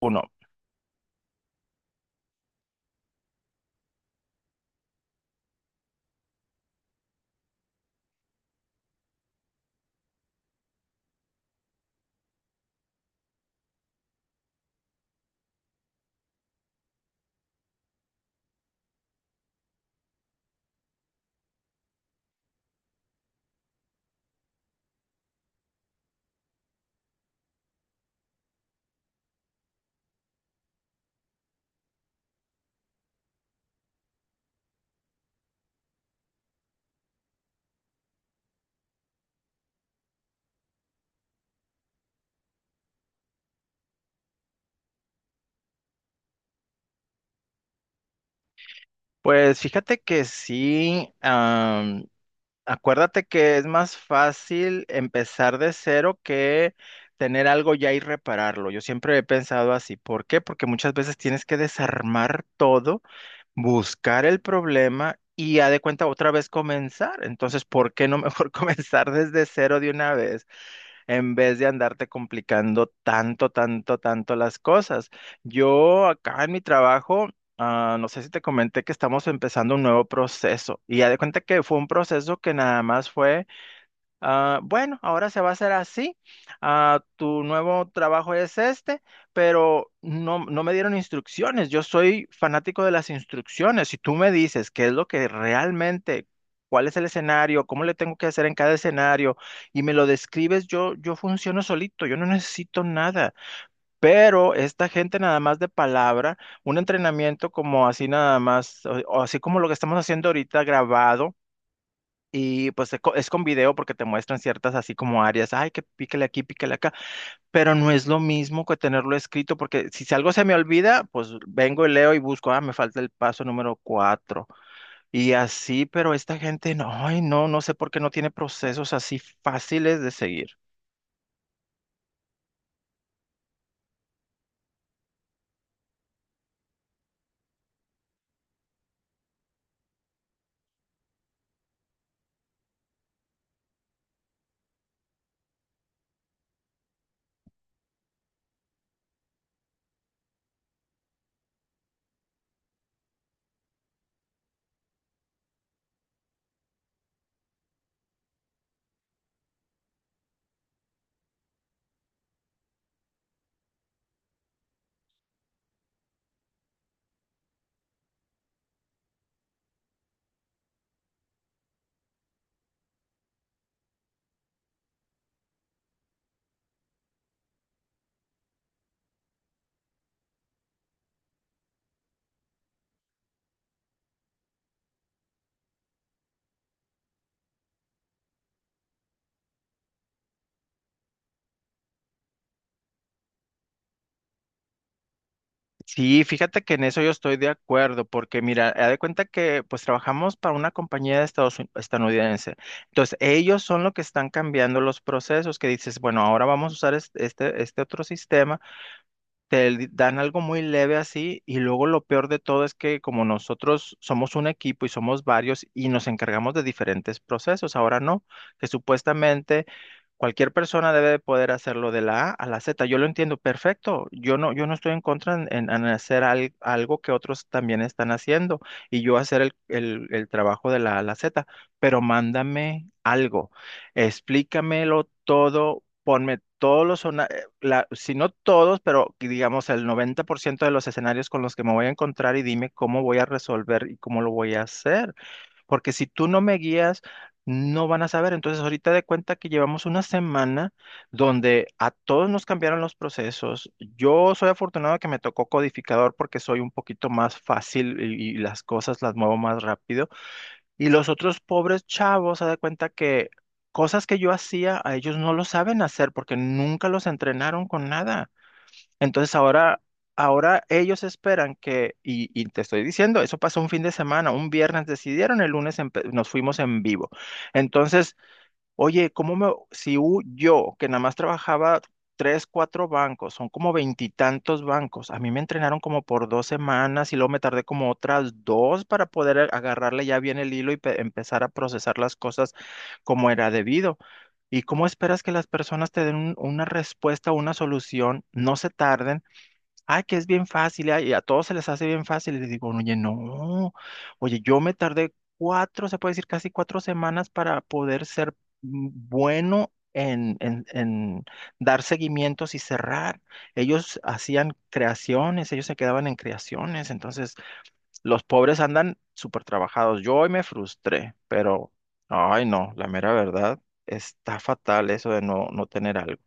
Uno, pues fíjate que sí. Acuérdate que es más fácil empezar de cero que tener algo ya y repararlo. Yo siempre he pensado así. ¿Por qué? Porque muchas veces tienes que desarmar todo, buscar el problema y ya de cuenta otra vez comenzar. Entonces, ¿por qué no mejor comenzar desde cero de una vez, en vez de andarte complicando tanto, tanto, tanto las cosas? Yo acá en mi trabajo... no sé si te comenté que estamos empezando un nuevo proceso y ya de cuenta que fue un proceso que nada más fue, ah, bueno, ahora se va a hacer así, ah, tu nuevo trabajo es este, pero no me dieron instrucciones. Yo soy fanático de las instrucciones. Si tú me dices qué es lo que realmente, cuál es el escenario, cómo le tengo que hacer en cada escenario y me lo describes, yo funciono solito, yo no necesito nada. Pero esta gente nada más de palabra, un entrenamiento como así nada más, o así como lo que estamos haciendo ahorita grabado y pues es con video, porque te muestran ciertas así como áreas, ay, que píquele aquí, píquele acá, pero no es lo mismo que tenerlo escrito, porque si algo se me olvida, pues vengo y leo y busco, ah, me falta el paso número cuatro y así, pero esta gente no, ay, no, no sé por qué no tiene procesos así fáciles de seguir. Sí, fíjate que en eso yo estoy de acuerdo, porque mira, haz de cuenta que pues trabajamos para una compañía de estadounidense. Entonces, ellos son los que están cambiando los procesos, que dices, bueno, ahora vamos a usar este otro sistema, te dan algo muy leve así y luego lo peor de todo es que, como nosotros somos un equipo y somos varios y nos encargamos de diferentes procesos, ahora no, que supuestamente cualquier persona debe de poder hacerlo de la A a la Z. Yo lo entiendo perfecto, yo no estoy en contra en, en hacer algo que otros también están haciendo y yo hacer el trabajo de la A a la Z, pero mándame algo, explícamelo todo. Ponme todos los si no todos, pero que digamos el 90% de los escenarios con los que me voy a encontrar, y dime cómo voy a resolver y cómo lo voy a hacer. Porque si tú no me guías, no van a saber. Entonces, ahorita de cuenta que llevamos una semana donde a todos nos cambiaron los procesos. Yo soy afortunado que me tocó codificador porque soy un poquito más fácil y las cosas las muevo más rápido. Y los otros pobres chavos, se dan cuenta que cosas que yo hacía, a ellos no lo saben hacer porque nunca los entrenaron con nada. Entonces ahora, ahora ellos esperan que, y te estoy diciendo, eso pasó un fin de semana, un viernes decidieron, el lunes nos fuimos en vivo. Entonces, oye, ¿cómo me, si yo, que nada más trabajaba tres, cuatro bancos, son como veintitantos bancos, a mí me entrenaron como por dos semanas y luego me tardé como otras dos para poder agarrarle ya bien el hilo y empezar a procesar las cosas como era debido? ¿Y cómo esperas que las personas te den una respuesta, una solución, no se tarden? Ah, que es bien fácil, ah, y a todos se les hace bien fácil. Y le digo, oye, no, oye, yo me tardé cuatro, se puede decir casi cuatro semanas para poder ser bueno en dar seguimientos y cerrar. Ellos hacían creaciones, ellos se quedaban en creaciones, entonces los pobres andan súper trabajados. Yo hoy me frustré, pero, ay, no, la mera verdad, está fatal eso de no, no tener algo.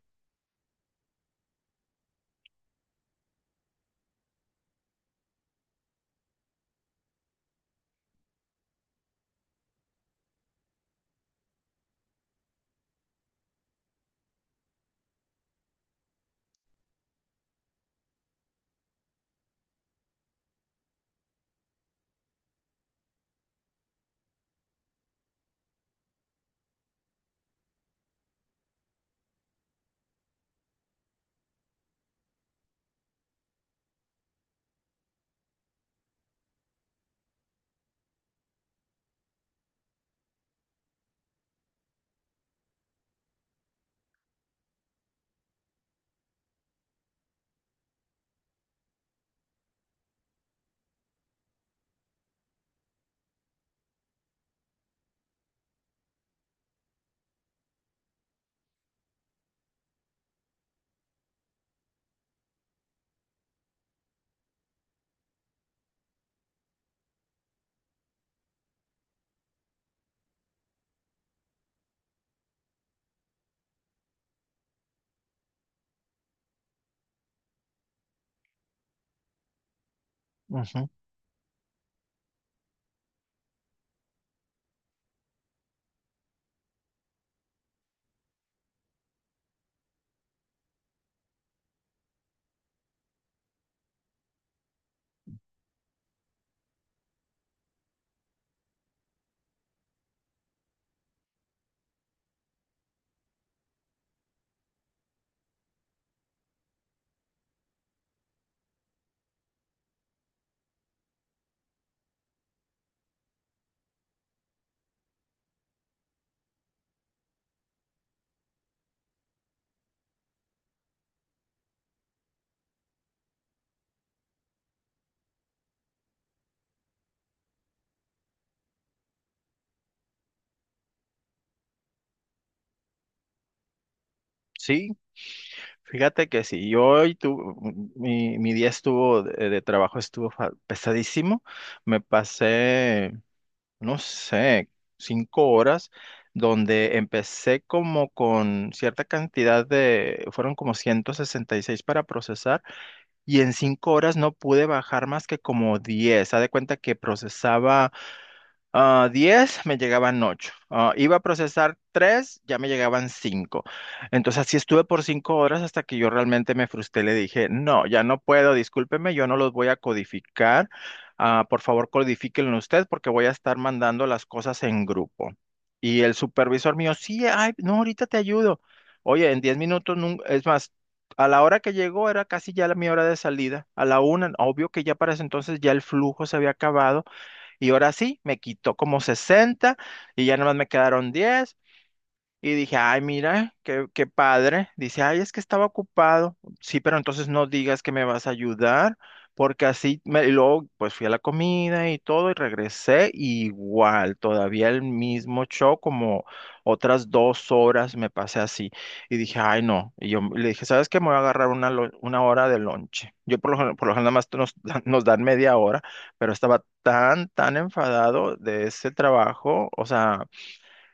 Ujú. Sí, fíjate que sí. Mi día de trabajo estuvo pesadísimo. Me pasé, no sé, cinco horas donde empecé como con cierta cantidad de, fueron como 166 para procesar y en cinco horas no pude bajar más que como 10. Haz de cuenta que procesaba, ah, 10 me llegaban 8, iba a procesar 3 ya me llegaban cinco. Entonces así estuve por 5 horas hasta que yo realmente me frustré. Le dije, no, ya no puedo, discúlpeme, yo no los voy a codificar. Ah, por favor, codifíquenlo usted porque voy a estar mandando las cosas en grupo. Y el supervisor mío, sí, ay, no, ahorita te ayudo. Oye, en 10 minutos, es más, a la hora que llegó era casi ya la, mi hora de salida, a la una. Obvio que ya para ese entonces ya el flujo se había acabado y ahora sí, me quitó como 60 y ya nada más me quedaron diez, y dije, ay, mira, qué, qué padre. Dice, ay, es que estaba ocupado. Sí, pero entonces no digas que me vas a ayudar, porque así, me... Y luego pues fui a la comida y todo y regresé y igual, todavía el mismo show, como otras dos horas me pasé así. Y dije, ay, no. Y yo le dije, ¿sabes qué? Me voy a agarrar una, una hora de lonche. Yo por lo, por lo general nada más nos, nos dan media hora, pero estaba tan, tan enfadado de ese trabajo, o sea...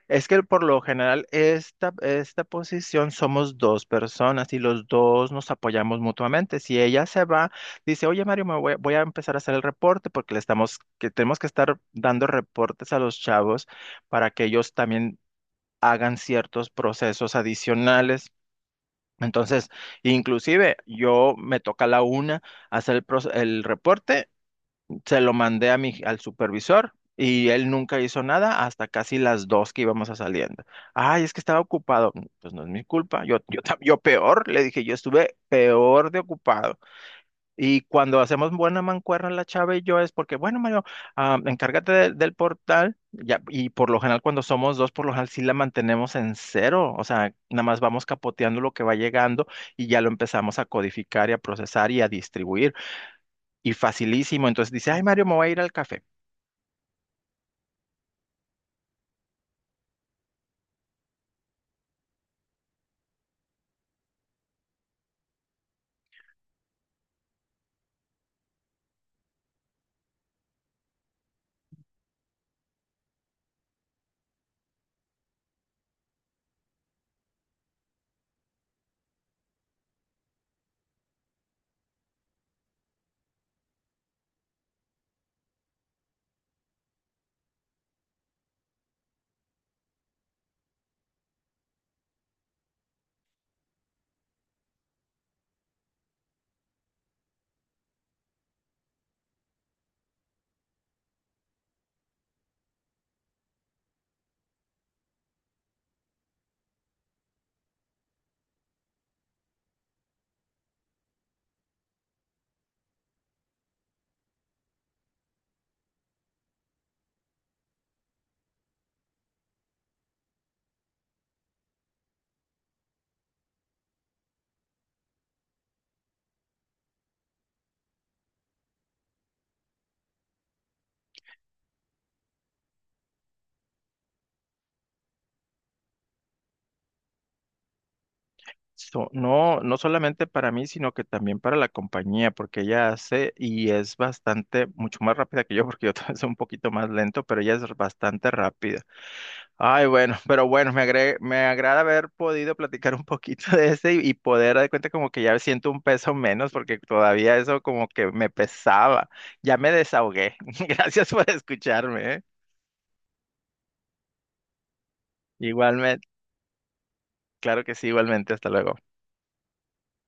Es que por lo general esta posición somos dos personas y los dos nos apoyamos mutuamente. Si ella se va, dice, oye Mario, me voy, voy a empezar a hacer el reporte porque le estamos, que tenemos que estar dando reportes a los chavos para que ellos también hagan ciertos procesos adicionales. Entonces, inclusive yo me toca a la una hacer el reporte, se lo mandé a mi, al supervisor y él nunca hizo nada hasta casi las dos que íbamos a saliendo. Ay, es que estaba ocupado. Pues no es mi culpa. Yo peor, le dije, yo estuve peor de ocupado. Y cuando hacemos buena mancuerna la chava y yo es porque, bueno, Mario, ah, encárgate del del portal. Ya, y por lo general cuando somos dos, por lo general sí la mantenemos en cero. O sea, nada más vamos capoteando lo que va llegando y ya lo empezamos a codificar y a procesar y a distribuir. Y facilísimo. Entonces dice, ay, Mario, me voy a ir al café. No, no solamente para mí, sino que también para la compañía, porque ella hace y es bastante, mucho más rápida que yo, porque yo también soy un poquito más lento, pero ella es bastante rápida. Ay, bueno, pero bueno, me agrada haber podido platicar un poquito de ese y poder dar cuenta como que ya siento un peso menos, porque todavía eso como que me pesaba. Ya me desahogué. Gracias por escucharme, ¿eh? Igualmente, claro que sí, igualmente, hasta luego.